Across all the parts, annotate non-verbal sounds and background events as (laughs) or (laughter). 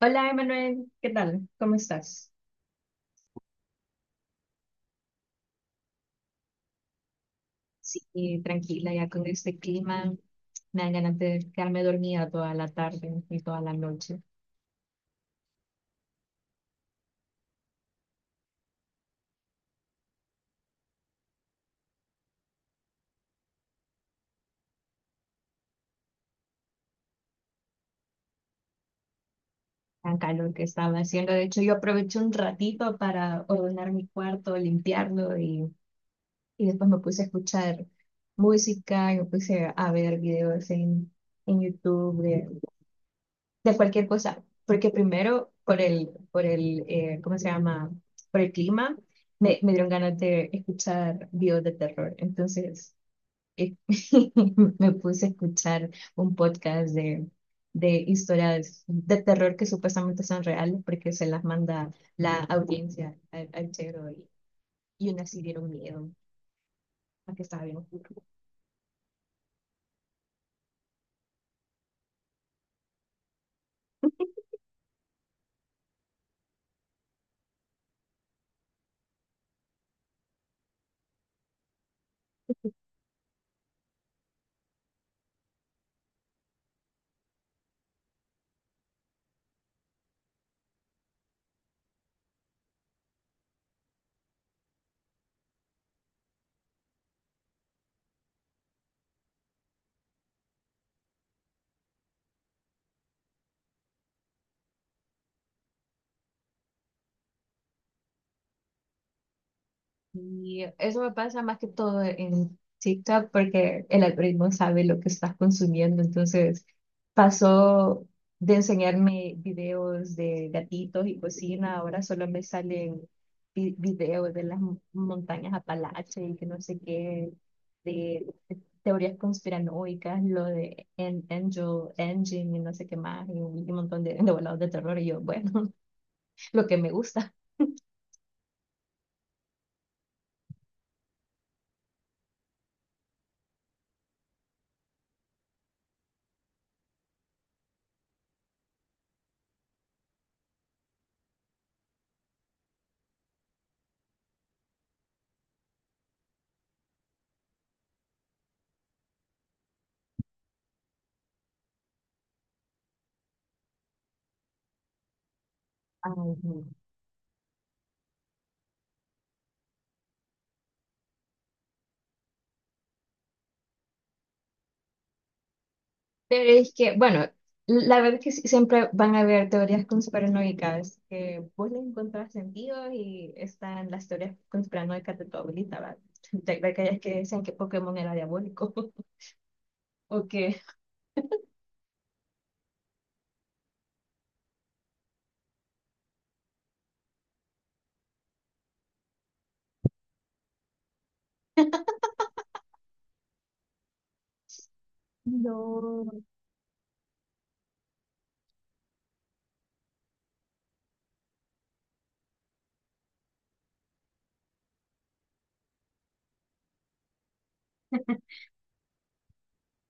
Hola, Emanuel, ¿qué tal? ¿Cómo estás? Sí, tranquila, ya con este clima me dan ganas de quedarme dormida toda la tarde y toda la noche. Tan calor que estaba haciendo. De hecho, yo aproveché un ratito para ordenar mi cuarto, limpiarlo y después me puse a escuchar música, y me puse a ver videos en YouTube de cualquier cosa, porque primero por el, ¿cómo se llama? Por el clima, me dieron ganas de escuchar videos de terror. Entonces, eh, (laughs) me puse a escuchar un podcast de historias de terror que supuestamente son reales, porque se las manda la audiencia al chero y unas sí dieron miedo, a que estaba bien oscuro. Y eso me pasa más que todo en TikTok porque el algoritmo sabe lo que estás consumiendo. Entonces pasó de enseñarme videos de gatitos y cocina, ahora solo me salen videos de las montañas Apalache y que no sé qué, de teorías conspiranoicas, lo de Angel Engine y no sé qué más, y un montón (laughs) de volados de terror. Y yo, bueno, (laughs) lo que me gusta. Ay. Pero es que, bueno, la verdad es que sí, siempre van a haber teorías conspiranoicas que vos le encontrás sentido y están las teorías conspiranoicas de tu abuelita, ¿verdad? (laughs) De aquellas que decían que Pokémon era diabólico (laughs) o que no.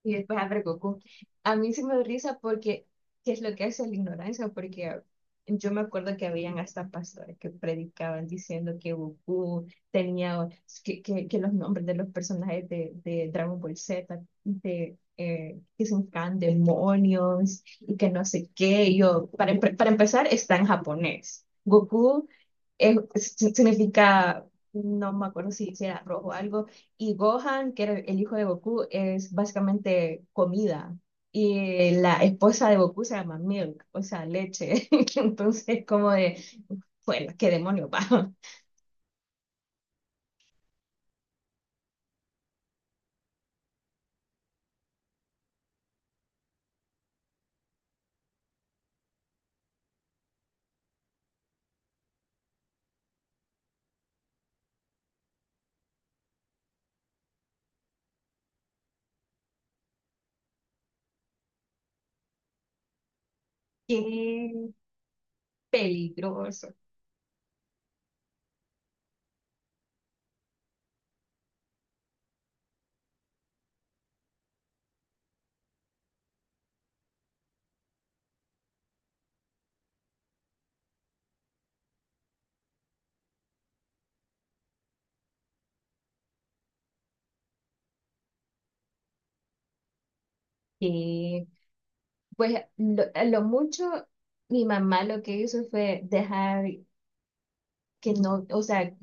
Y después abre Goku. A mí se me da risa porque, ¿qué es lo que hace la ignorancia? Porque yo me acuerdo que habían hasta pastores que predicaban diciendo que Goku tenía, que los nombres de los personajes de Dragon Ball Z, que se llaman demonios y que no sé qué. Y yo, para empezar, está en japonés. Goku es- significa, no me acuerdo si era rojo o algo, y Gohan, que era el hijo de Goku, es básicamente comida. Y la esposa de Goku se llama Milk, o sea, leche. (laughs) Entonces, como de, bueno, qué demonio, va. (laughs) Qué peligroso. Y pues, lo, a lo mucho, mi mamá lo que hizo fue dejar que no, o sea,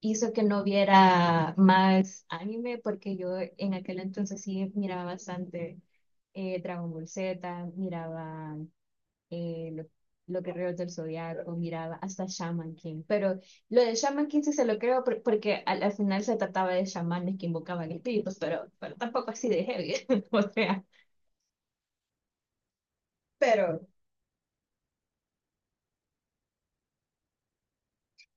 hizo que no viera más anime, porque yo en aquel entonces sí miraba bastante Dragon Ball Z, miraba eh, lo- los Guerreros del Zodiaco, miraba hasta Shaman King. Pero lo de Shaman King sí se lo creo porque al final se trataba de chamanes que invocaban espíritus, pero tampoco así de heavy. (laughs) O sea, pero.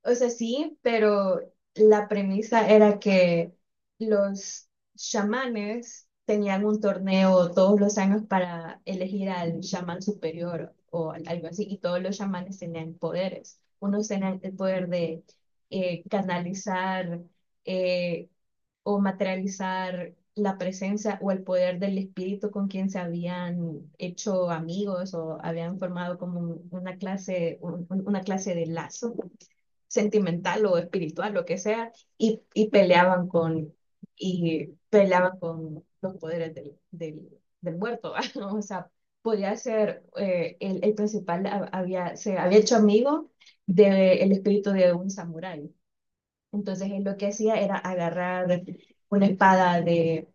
O sea, sí, pero la premisa era que los chamanes tenían un torneo todos los años para elegir al chamán superior o algo así, y todos los chamanes tenían poderes. Unos tenían el poder de canalizar eh, o materializar la presencia o el poder del espíritu con quien se habían hecho amigos o habían formado como una clase, una clase de lazo sentimental o espiritual, lo que sea, y, y peleaban con, y peleaban con los poderes del muerto, ¿va? (laughs) O sea, podía ser, el principal se había hecho amigo del espíritu de un samurái. Entonces, él lo que hacía era agarrar una espada de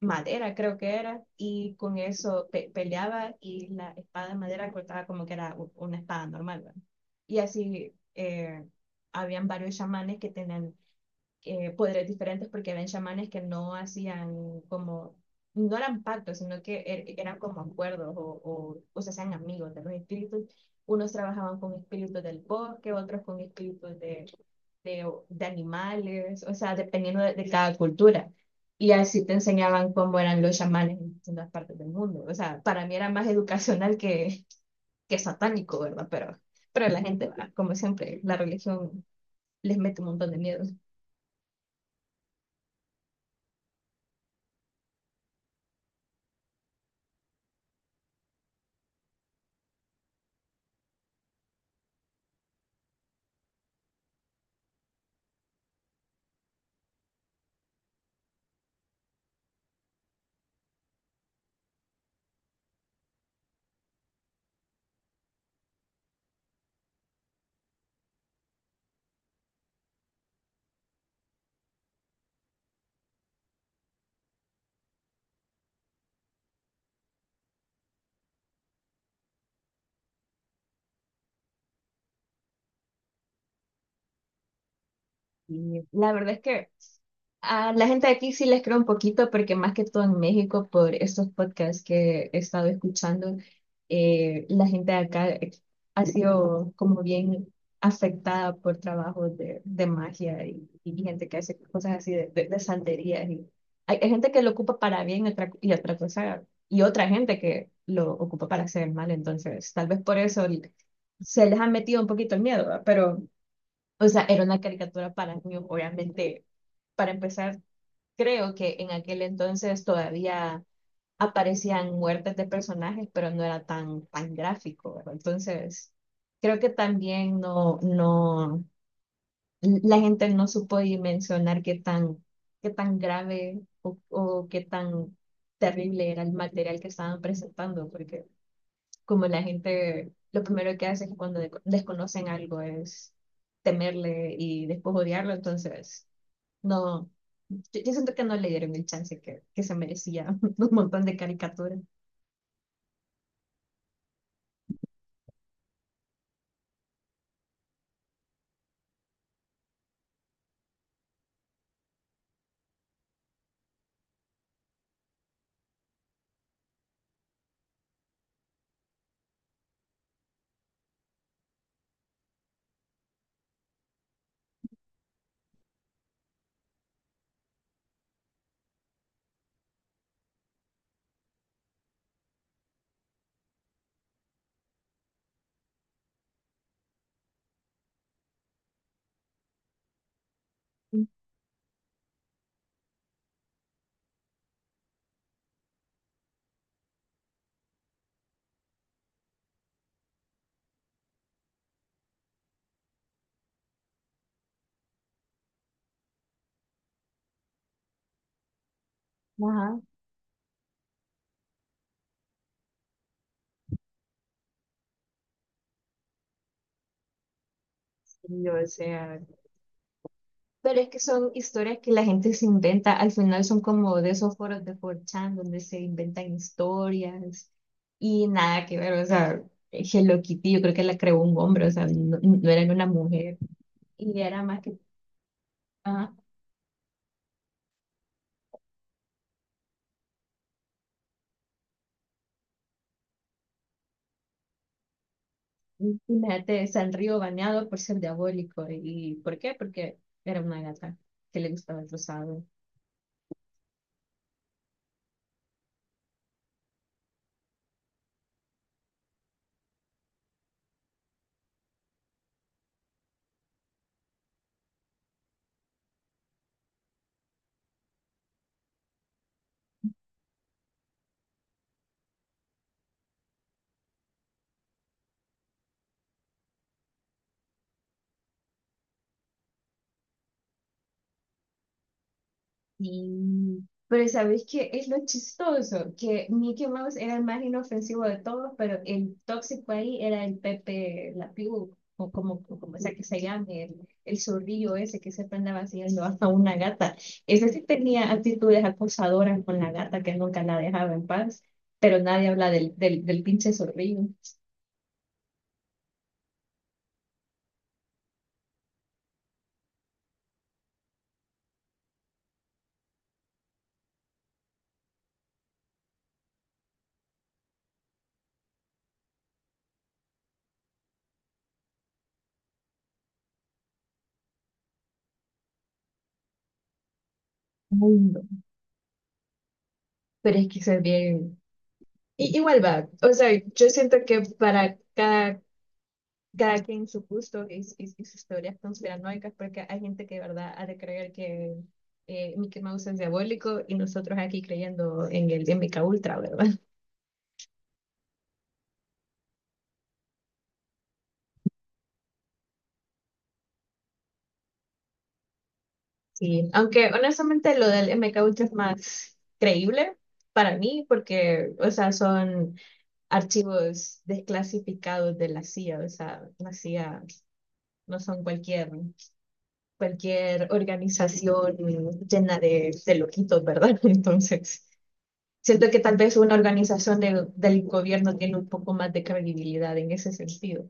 madera, creo que era, y con eso peleaba y la espada de madera cortaba como que era una espada normal, ¿verdad? Y así habían varios chamanes que tenían poderes diferentes porque habían chamanes que no hacían como, no eran pactos, sino que eran como acuerdos o se hacían amigos de los espíritus. Unos trabajaban con espíritus del bosque, otros con espíritus de animales, o sea, dependiendo de cada cultura. Y así te enseñaban cómo eran los chamanes en distintas partes del mundo. O sea, para mí era más educacional que satánico, ¿verdad? Pero la gente, (laughs) va, como siempre, la religión les mete un montón de miedos. Y la verdad es que a la gente de aquí sí les creo un poquito porque más que todo en México, por estos podcasts que he estado escuchando, la gente de acá ha sido como bien afectada por trabajos de magia y gente que hace cosas así de santerías. Y hay gente que lo ocupa para bien y otra cosa, y otra gente que lo ocupa para hacer mal. Entonces, tal vez por eso se les ha metido un poquito el miedo, ¿va? Pero, o sea, era una caricatura para niños, obviamente. Para empezar, creo que en aquel entonces todavía aparecían muertes de personajes, pero no era tan, tan gráfico, ¿verdad? Entonces, creo que también no, no, la gente no supo dimensionar qué tan grave o qué tan terrible era el material que estaban presentando, porque como la gente, lo primero que hace es cuando desconocen algo es temerle y después odiarlo, entonces... No, yo, yo siento que no le dieron el chance que se merecía (laughs) un montón de caricaturas. Ajá, sí, o sea, pero es que son historias que la gente se inventa, al final son como de esos foros de 4chan donde se inventan historias y nada que ver, o sea, Hello Kitty yo creo que la creó un hombre, o sea, no, no era una mujer y era más que, ajá, imagínate, Sanrio baneado por ser diabólico, ¿y por qué? Porque era una gata que le gustaba el rosado. Sí, pero ¿sabéis qué es lo chistoso? Que Mickey Mouse era el más inofensivo de todos, pero el tóxico ahí era el Pepe Lapiú, o como sea que se llame, el zorrillo ese que siempre andaba haciendo hasta una gata. Ese sí tenía actitudes acosadoras con la gata que nunca la dejaba en paz, pero nadie habla del pinche zorrillo. Mundo. Pero es que eso es bien. Igual va. O sea, yo siento que para cada cada quien su gusto y sus teorías conspiranoicas, porque hay gente que de verdad ha de creer que Mickey Mouse es diabólico y nosotros aquí creyendo en el MK Ultra, ¿verdad? Sí, aunque honestamente lo del MK Ultra es más creíble para mí, porque, o sea, son archivos desclasificados de la CIA, o sea, la CIA no son cualquier, cualquier organización llena de loquitos, ¿verdad? (laughs) Entonces. Siento que tal vez una organización del gobierno tiene un poco más de credibilidad en ese sentido.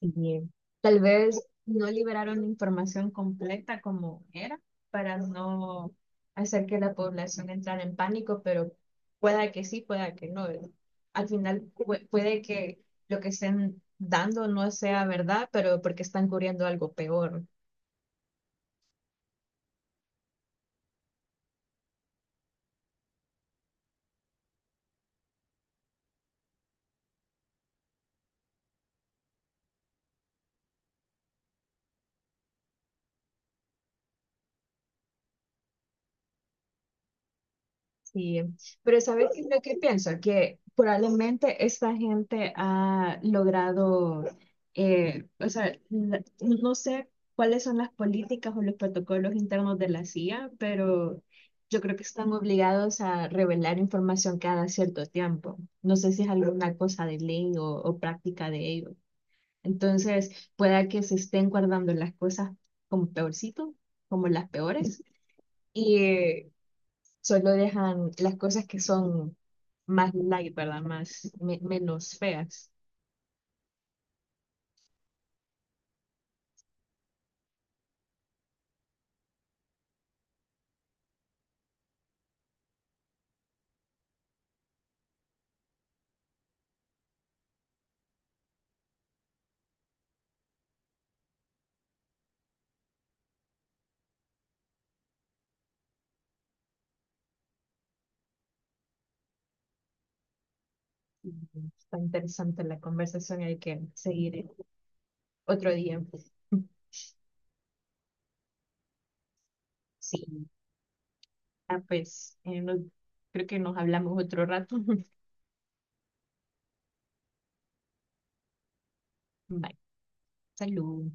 Y tal vez no liberaron la información completa como era para no hacer que la población entrara en pánico, pero pueda que sí, pueda que no, ¿verdad? Al final puede que lo que estén dando no sea verdad, pero porque están cubriendo algo peor. Sí, pero ¿sabes qué es lo que pienso? Que probablemente esta gente ha logrado, o sea, no sé cuáles son las políticas o los protocolos internos de la CIA, pero yo creo que están obligados a revelar información cada cierto tiempo. No sé si es alguna cosa de ley o práctica de ellos. Entonces, pueda que se estén guardando las cosas como peorcito, como las peores. Solo dejan las cosas que son más light, ¿verdad? Más, menos feas. Y está interesante la conversación, hay que seguir otro día. Sí, ah, pues creo que nos hablamos otro rato. (laughs) Bye, salud.